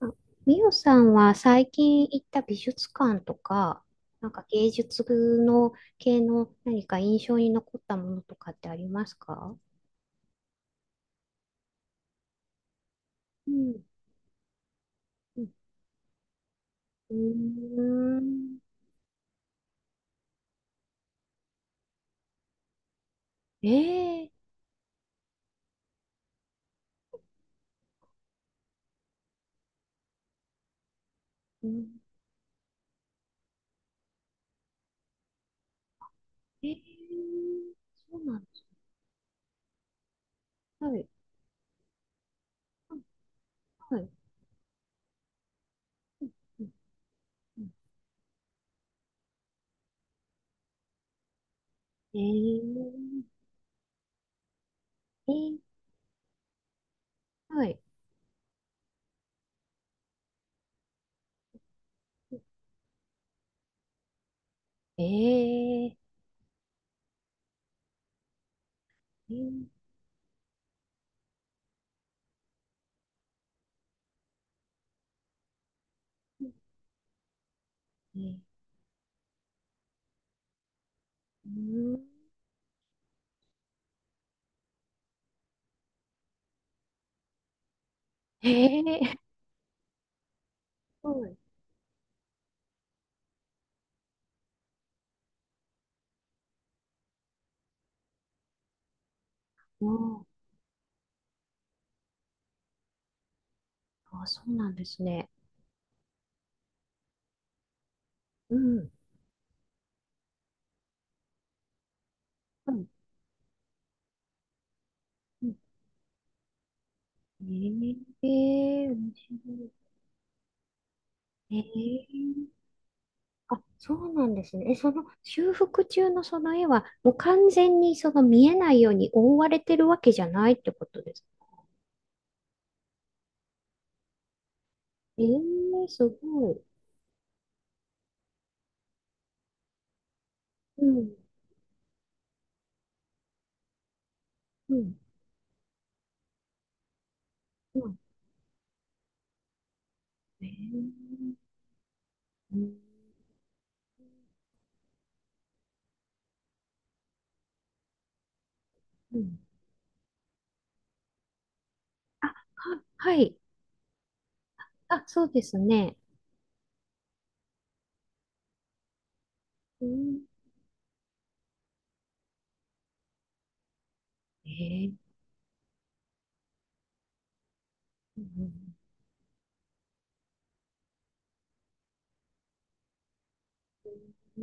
あみよさんは最近行った美術館とか、なんか芸術の系の何か印象に残ったものとかってありますか？うん。うん、うーん。ええ、うん、ええ、そうなんです。はい。はい。うん、うん、うん、ええ、ええ、はい。ええ、ええ、ええ、うん、ええ、はい。ああ、そうなんですね。うん。うん。うん、ええー、面白い。ええ、あ、そうなんですね。え、その修復中のその絵は、もう完全にその見えないように覆われてるわけじゃないってことですか？ええー、すごい。うん、うん、うん。えー、うん、うん、あ、はい。あ、そうですね。うん、ええー。うん、う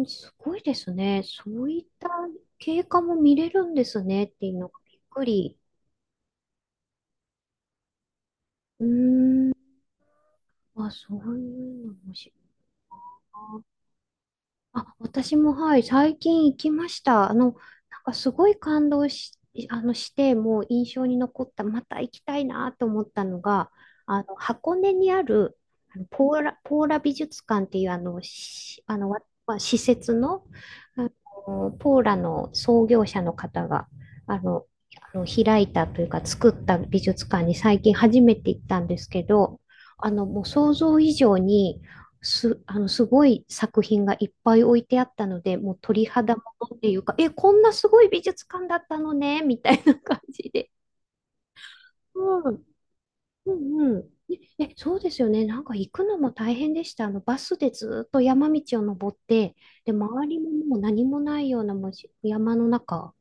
ーん、すごいですね。そういった経過も見れるんですねっていうのがびっくり。うーん、あ、そういうのもしい。あ、私もはい、最近行きました。なんかすごい感動し、あの、して、もう印象に残った、また行きたいなと思ったのが、箱根にある、ポーラ美術館っていう、あの、しあの、わわ施設の、あポーラの創業者の方が、あの、開いたというか、作った美術館に最近初めて行ったんですけど、もう想像以上に、す、あの、すごい作品がいっぱい置いてあったので、もう鳥肌ものっていうか、え、こんなすごい美術館だったのね、みたいな感じで。うん、うん、うん。えそうですよね。なんか行くのも大変でした。バスでずっと山道を登って、で、周りももう何もないようなもうし山の中、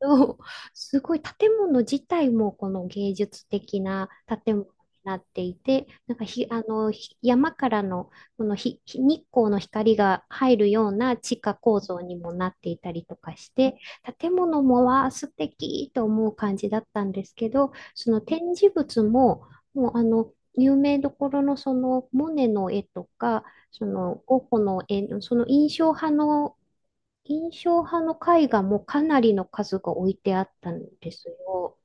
そう、すごい建物自体もこの芸術的な建物になっていて、なんかひ、あの、ひ山からのこの日光の光が入るような地下構造にもなっていたりとかして、建物もは素敵と思う感じだったんですけど、その展示物も、もう有名どころのそのモネの絵とか、そのゴッホの絵の、その印象派の絵画もかなりの数が置いてあったんですよ。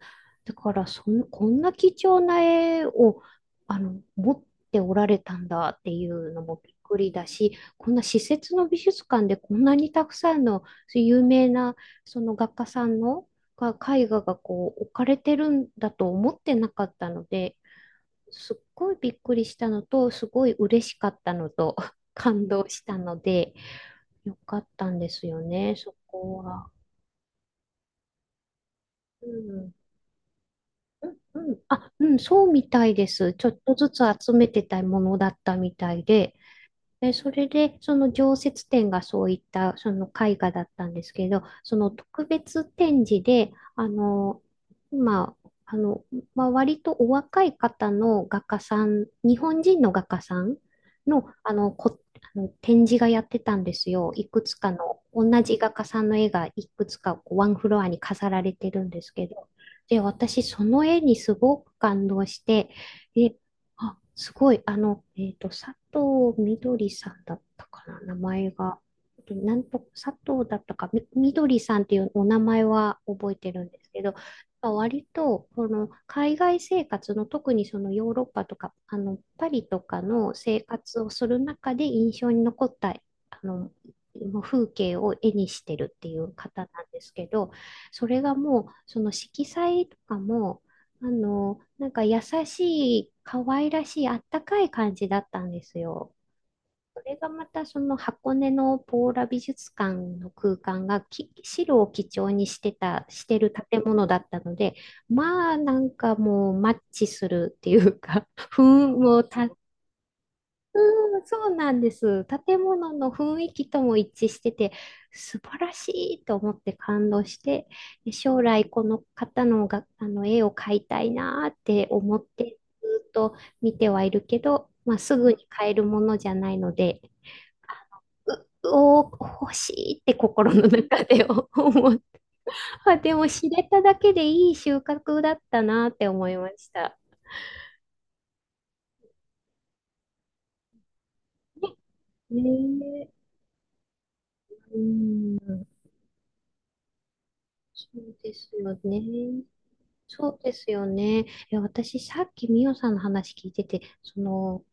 だからその、こんな貴重な絵を持っておられたんだっていうのもびっくりだし、こんな施設の美術館でこんなにたくさんのそういう有名なその画家さんのが絵画がこう置かれてるんだと思ってなかったので、すっごいびっくりしたのと、すごい嬉しかったのと、感動したので。よかったんですよね、そこは。うん。うん、うん。あ、うん、そうみたいです。ちょっとずつ集めてたものだったみたいで、で、それで、その常設展がそういった、その絵画だったんですけど、その特別展示で、まあ、まあ、割とお若い方の画家さん、日本人の画家さんの、あの展示がやってたんですよ。いくつかの、同じ画家さんの絵がいくつかこうワンフロアに飾られてるんですけど。で、私、その絵にすごく感動して、で、あ、すごい。佐藤みどりさんだったかな、名前が。なんと、佐藤だったか、みどりさんっていうお名前は覚えてるんですけど、割と、この海外生活の、特にそのヨーロッパとか、パリとかの生活をする中で印象に残った、の、風景を絵にしてるっていう方なんですけど、それがもう、その色彩とかも、なんか優しい、可愛らしい、あったかい感じだったんですよ。それがまたその箱根のポーラ美術館の空間が白を基調にしてた、してる建物だったので、まあなんかもうマッチするっていうか、雰囲気もた。うん、そうなんです。建物の雰囲気とも一致してて、素晴らしいと思って感動して、で将来この方のが、あの絵を描いたいなーって思って、ずっと見てはいるけど、まあ、すぐに買えるものじゃないので、う、お欲しいって心の中で 思う。あ、でも知れただけでいい収穫だったなって思いました。ねえ、うん、そうですよね。そうですよね。え、私、さっきみオさんの話聞いてて、その、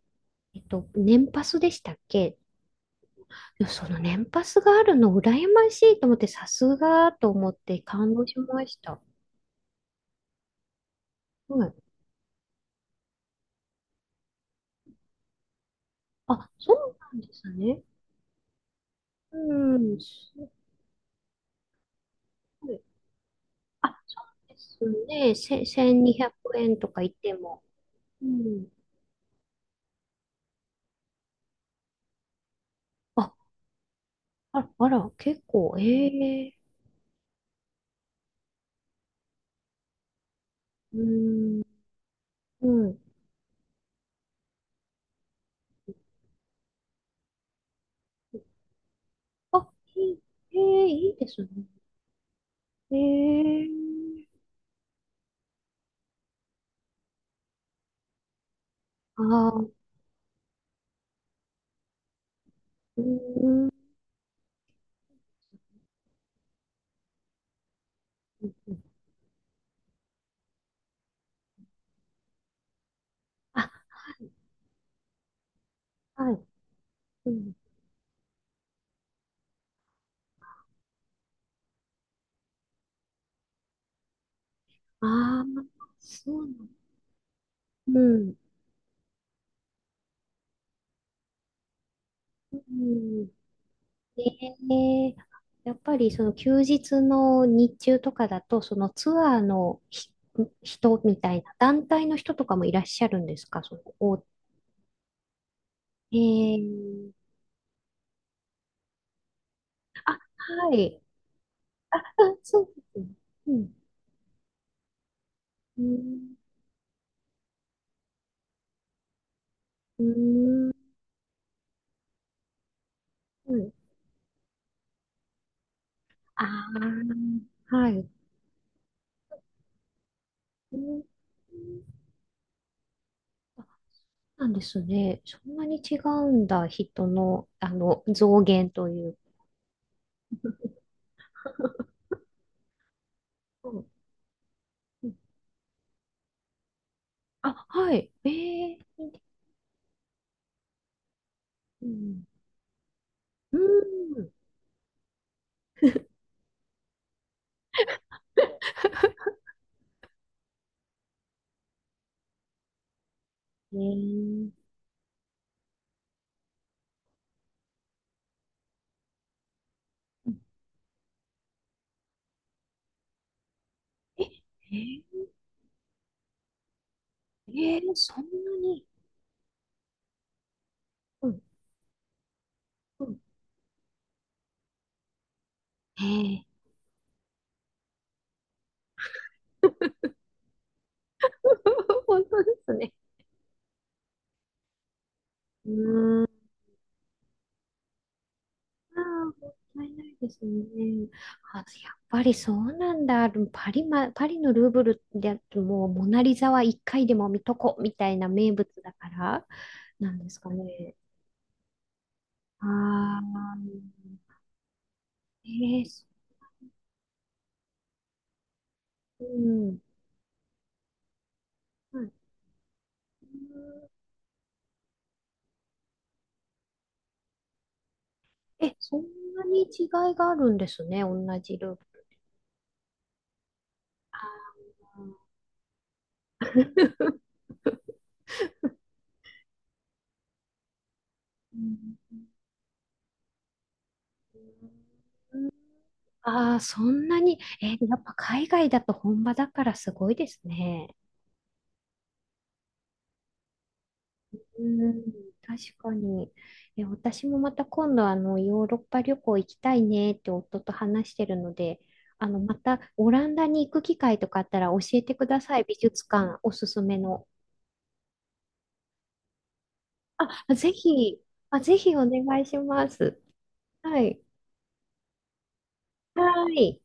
えっと、年パスでしたっけ？いや、その年パスがあるの羨ましいと思って、さすがと思って感動しました。はい。あ、そうなんですね。うん、すごい。あ、そうですね。1200円とか言っても。うん。あ、あら、あら、結構、ええ、うん、うん。あ、いい、ええ、いいですね。ええ、ああ、うん、うん、うん、あ、はい、うん、ああ、そうなの、うん、うん、で、やっぱりその休日の日中とかだと、そのツアーの人みたいな、団体の人とかもいらっしゃるんですか、えー、あ、はい、あそうですね、うん、うん、うん、うん、ああー、はい、うん、なんですね。そんなに違うんだ、人の、増減という。うん、うん、あ、はい。えー、うん。うん。えー、え、えー、えーそんなに。うん、うん。えー、本当ですね。うーん。ああ、もったいないですね。あ、やっぱりそうなんだ。でもパリのルーブルでもうモナリザは一回でも見とこみたいな名物だからなんですかね？ああ、えー、そうん。うん、はい、え、そんなに違いがあるんですね。同じルーブル。あー うん、あー、そんなに、え、やっぱ海外だと本場だからすごいですね。うん、確かに。え、私もまた今度あのヨーロッパ旅行行きたいねって夫と話してるので、またオランダに行く機会とかあったら教えてください。美術館おすすめの。あ、ぜひ、あ、ぜひお願いします。はい。はい。